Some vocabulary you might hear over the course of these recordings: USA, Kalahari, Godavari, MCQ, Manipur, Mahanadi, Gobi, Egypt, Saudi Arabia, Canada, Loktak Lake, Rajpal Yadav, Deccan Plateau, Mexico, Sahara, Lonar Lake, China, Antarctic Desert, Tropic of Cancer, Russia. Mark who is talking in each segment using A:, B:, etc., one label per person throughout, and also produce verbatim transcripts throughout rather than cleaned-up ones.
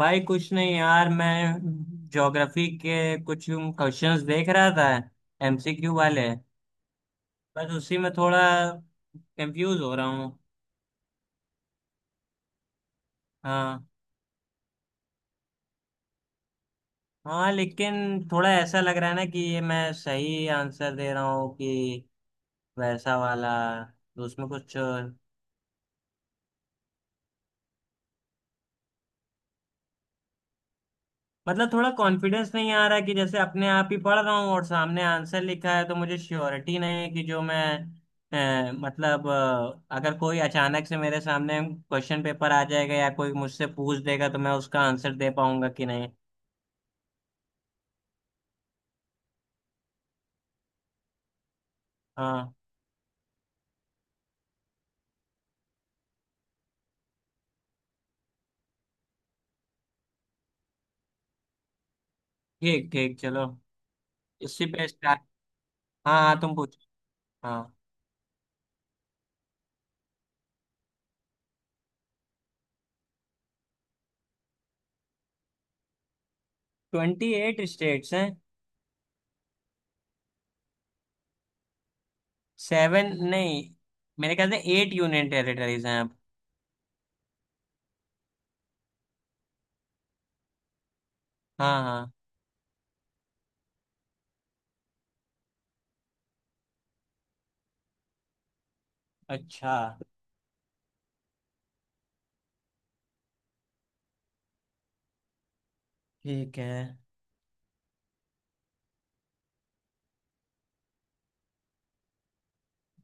A: भाई, कुछ नहीं यार, मैं ज्योग्राफी के कुछ क्वेश्चंस देख रहा था। एमसीक्यू वाले। बस उसी में थोड़ा कंफ्यूज हो रहा हूँ। हाँ, हाँ लेकिन थोड़ा ऐसा लग रहा है ना कि ये मैं सही आंसर दे रहा हूँ कि वैसा वाला। तो उसमें कुछ, मतलब थोड़ा कॉन्फिडेंस नहीं आ रहा है, कि जैसे अपने आप ही पढ़ रहा हूँ और सामने आंसर लिखा है, तो मुझे श्योरिटी नहीं है कि जो मैं, अ, मतलब, अ, अगर कोई अचानक से मेरे सामने क्वेश्चन पेपर आ जाएगा या कोई मुझसे पूछ देगा तो मैं उसका आंसर दे पाऊंगा कि नहीं। हाँ। ठीक, ठीक, चलो इसी पे स्टार्ट। हाँ, हाँ, तुम पूछो। हाँ। ट्वेंटी एट स्टेट्स हैं। सेवन नहीं, मेरे ख्याल से एट यूनियन टेरिटरीज हैं अब। हाँ, हाँ। अच्छा। ठीक है।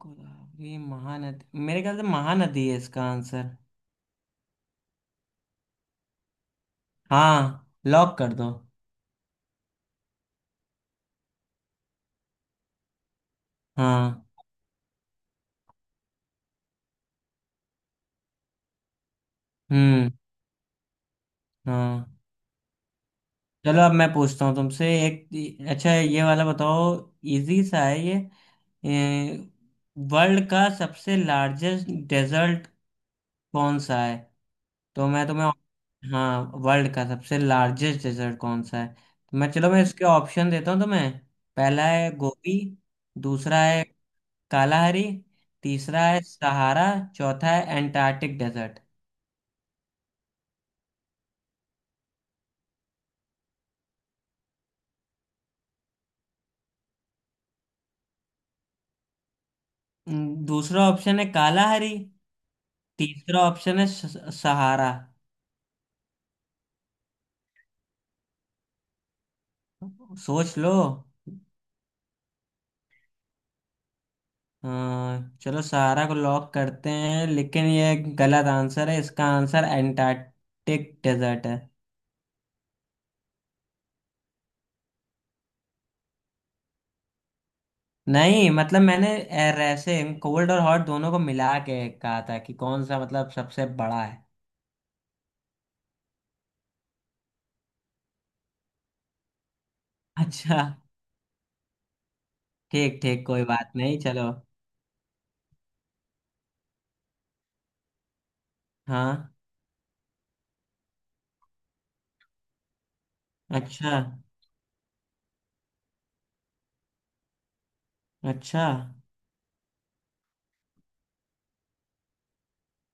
A: गोदावरी, महानदी, मेरे ख्याल से महानदी है इसका आंसर। हाँ, लॉक कर दो। हाँ। हम्म। हाँ। चलो अब मैं पूछता हूँ तुमसे एक। अच्छा, ये वाला बताओ। इजी सा है ये। वर्ल्ड का सबसे लार्जेस्ट डेजर्ट कौन सा है? तो मैं तुम्हें। हाँ, वर्ल्ड का सबसे लार्जेस्ट डेजर्ट कौन सा है? तो मैं, चलो मैं इसके ऑप्शन देता हूँ तुम्हें। पहला है गोबी। दूसरा है कालाहारी। तीसरा है सहारा। चौथा है एंटार्क्टिक डेजर्ट। हम्म, दूसरा ऑप्शन है कालाहारी। तीसरा ऑप्शन है स- सहारा। सोच लो। हाँ, चलो सहारा को लॉक करते हैं। लेकिन ये गलत आंसर है। इसका आंसर एंटार्क्टिक डेजर्ट है। नहीं, मतलब मैंने ऐ- ऐसे कोल्ड और हॉट दोनों को मिला के कहा था कि कौन सा, मतलब, सबसे बड़ा है। अच्छा। ठीक, ठीक, कोई बात नहीं, चलो। हाँ। अच्छा। अच्छा।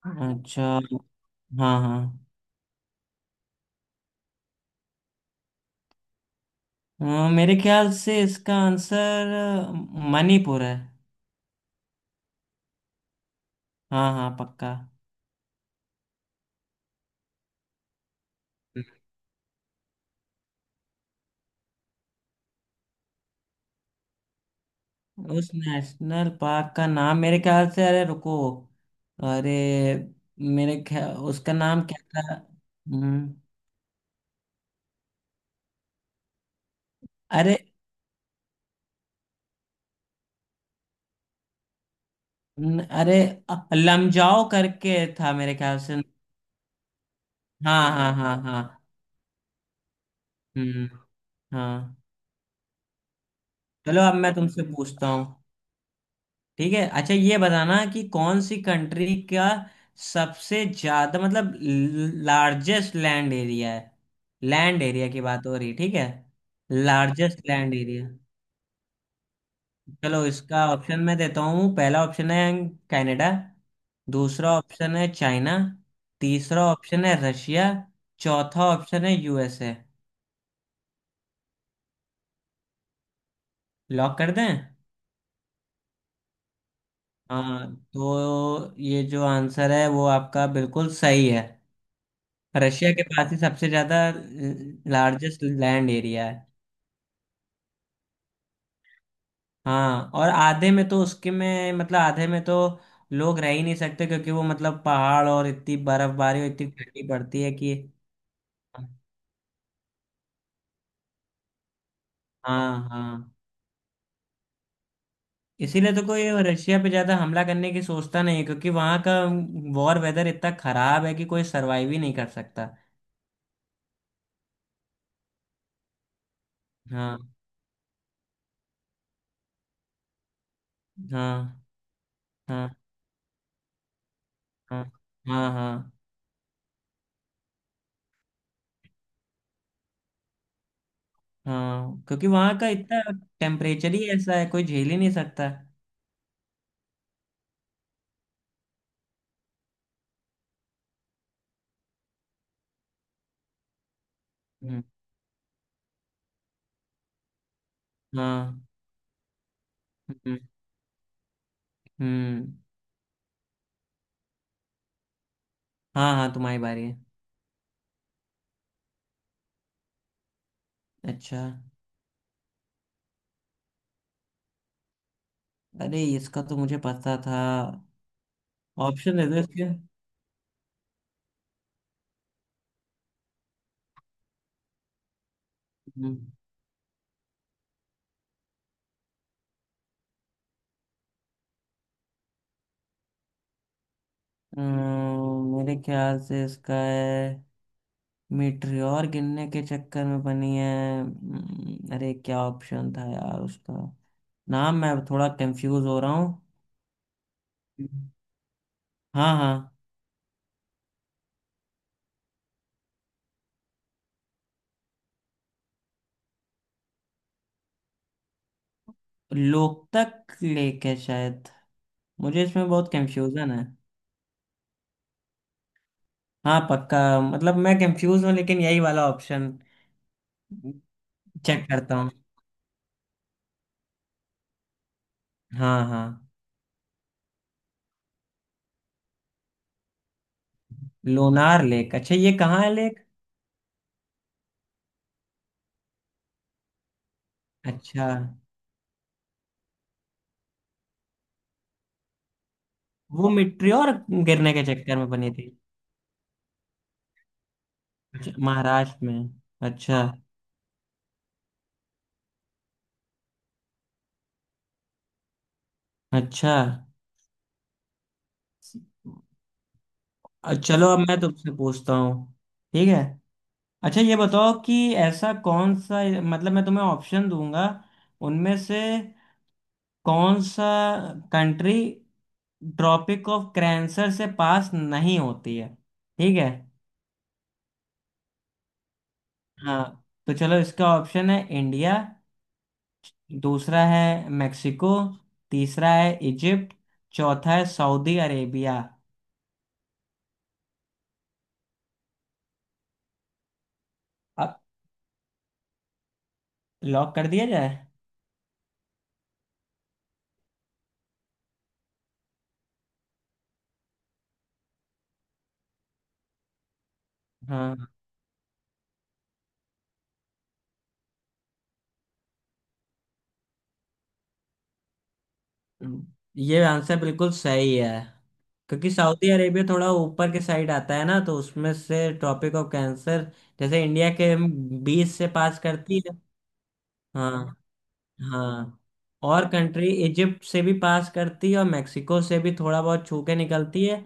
A: अच्छा। हाँ, हाँ। अ, मेरे ख्याल से इसका आंसर अ, मणिपुर है। हाँ, हाँ, पक्का। उस नेशनल पार्क का नाम मेरे ख्याल से, अरे रुको। अरे, मेरे ख्याल उसका नाम क्या था? हम्म, अरे, न- अरे, अ, लमजाओ करके था मेरे ख्याल से। हाँ, हाँ, हाँ, हाँ। हम्म। हाँ। चलो अब मैं तुमसे पूछता हूँ। ठीक है। अच्छा, ये बताना कि कौन सी कंट्री का सबसे ज्यादा, मतलब, लार्जेस्ट लैंड एरिया है। लैंड एरिया की बात हो रही है, ठीक है। Largest land area. चलो इसका ऑप्शन मैं देता हूँ। पहला ऑप्शन है कनाडा। दूसरा ऑप्शन है चाइना। तीसरा ऑप्शन है रशिया। चौथा ऑप्शन है यूएसए। लॉक कर दें? हाँ, तो ये जो आंसर है वो आपका बिल्कुल सही है। रशिया के पास ही सबसे ज्यादा लार्जेस्ट लैंड एरिया है। हाँ, और आधे में तो उसके में, मतलब, आधे में तो लोग रह ही नहीं सकते, क्योंकि वो मतलब पहाड़, और इतनी बर्फबारी और इतनी ठंडी पड़ती है कि। हाँ, हाँ। इसीलिए तो कोई रशिया पे ज्यादा हमला करने की सोचता नहीं है, क्योंकि वहां का वॉर वेदर इतना खराब है कि कोई सरवाइव ही नहीं कर सकता। हाँ, हाँ, हाँ, हाँ, हाँ, हाँ, हाँ। क्योंकि वहां का इतना टेम्परेचर ही ऐसा है, कोई झेल ही नहीं सकता। हम्म। हाँ। हम्म। हम्म, हाँ, हाँ, तुम्हारी बारी है। अच्छा, अरे इसका तो मुझे पता था। ऑप्शन दे दो इसके। हम्म, अम्म, मेरे ख्याल से इसका है, मीटरियोर गिरने के चक्कर में बनी है। हम्म, अरे, क्या ऑप्शन था यार उसका नाम? मैं थोड़ा कंफ्यूज हो रहा हूँ। हम्म। हाँ, हाँ। लोकतक लेक है शायद। मुझे इसमें बहुत कंफ्यूजन है। हाँ, पक्का। मतलब मैं कंफ्यूज हूँ लेकिन यही वाला ऑप्शन। चेक करता हूँ। हाँ, हाँ। लोनार लेक? अच्छा, ये कहाँ है लेक? अच्छा, वो मिट्टियोर गिरने के चक्कर में बनी थी। अच्छा, महाराष्ट्र में। अच्छा। अच्छा अ, चलो अब मैं तुमसे पूछता हूँ। ठीक है। अच्छा, ये बताओ कि ऐसा कौन सा, मतलब, मैं तुम्हें ऑप्शन दूंगा, उनमें से कौन सा कंट्री ट्रॉपिक ऑफ कैंसर से पास नहीं होती है। ठीक है। हाँ। तो चलो, इसका ऑप्शन है इंडिया। दूसरा है मेक्सिको। तीसरा है इजिप्ट। चौथा है सऊदी अरेबिया। अब लॉक कर दिया जाए? हाँ, ये आंसर बिल्कुल सही है। क्योंकि सऊदी अरेबिया थोड़ा ऊपर के साइड आता है ना, तो उसमें से ट्रॉपिक ऑफ कैंसर, जैसे इंडिया के बीच से पास करती है। हाँ, हाँ। और कंट्री इजिप्ट से भी पास करती है, और मेक्सिको से भी थोड़ा बहुत छू के निकलती है।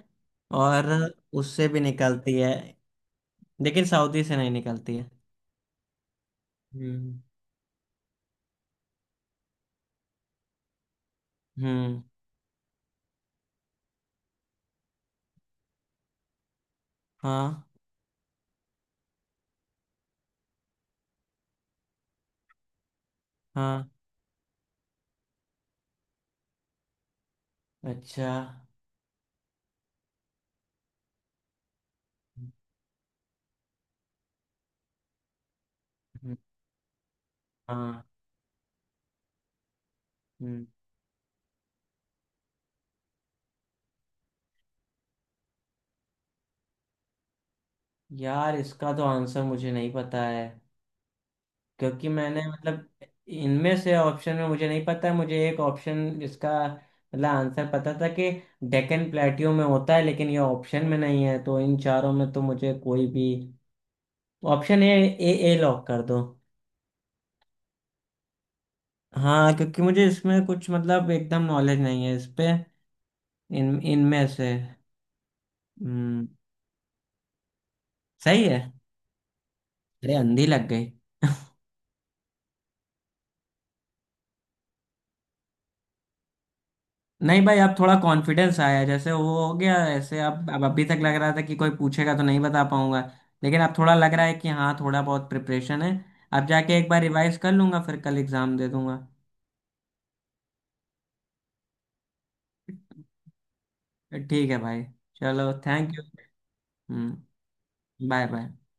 A: और उससे भी निकलती है, लेकिन सऊदी से नहीं निकलती है। हम्म। हम्म। हाँ, हाँ। अच्छा। हम्म। हाँ। हम्म। यार, इसका तो आंसर मुझे नहीं पता है। क्योंकि मैंने मतलब इनमें से ऑप्शन में मुझे नहीं पता है। मुझे एक ऑप्शन इसका मतलब आंसर पता था कि डेक्कन प्लेटियो में होता है, लेकिन ये ऑप्शन में नहीं है। तो इन चारों में तो मुझे कोई भी option A, A A lock कर दो। हाँ, क्योंकि मुझे इसमें कुछ मतलब एकदम नॉलेज नहीं है इस पे। इन इनमें से हम्म। सही है। अरे, अंधी लग गई। नहीं भाई, अब थोड़ा कॉन्फिडेंस आया, जैसे वो हो गया ऐसे। अब अब अभी तक लग रहा था कि कोई पूछेगा तो नहीं बता पाऊंगा। लेकिन अब थोड़ा लग रहा है कि हाँ, थोड़ा बहुत प्रिपरेशन है। अब जाके एक बार रिवाइज कर लूंगा, फिर कल एग्जाम दे दूंगा। ठीक है भाई। चलो, थैंक यू। हम्म। Bye, bye.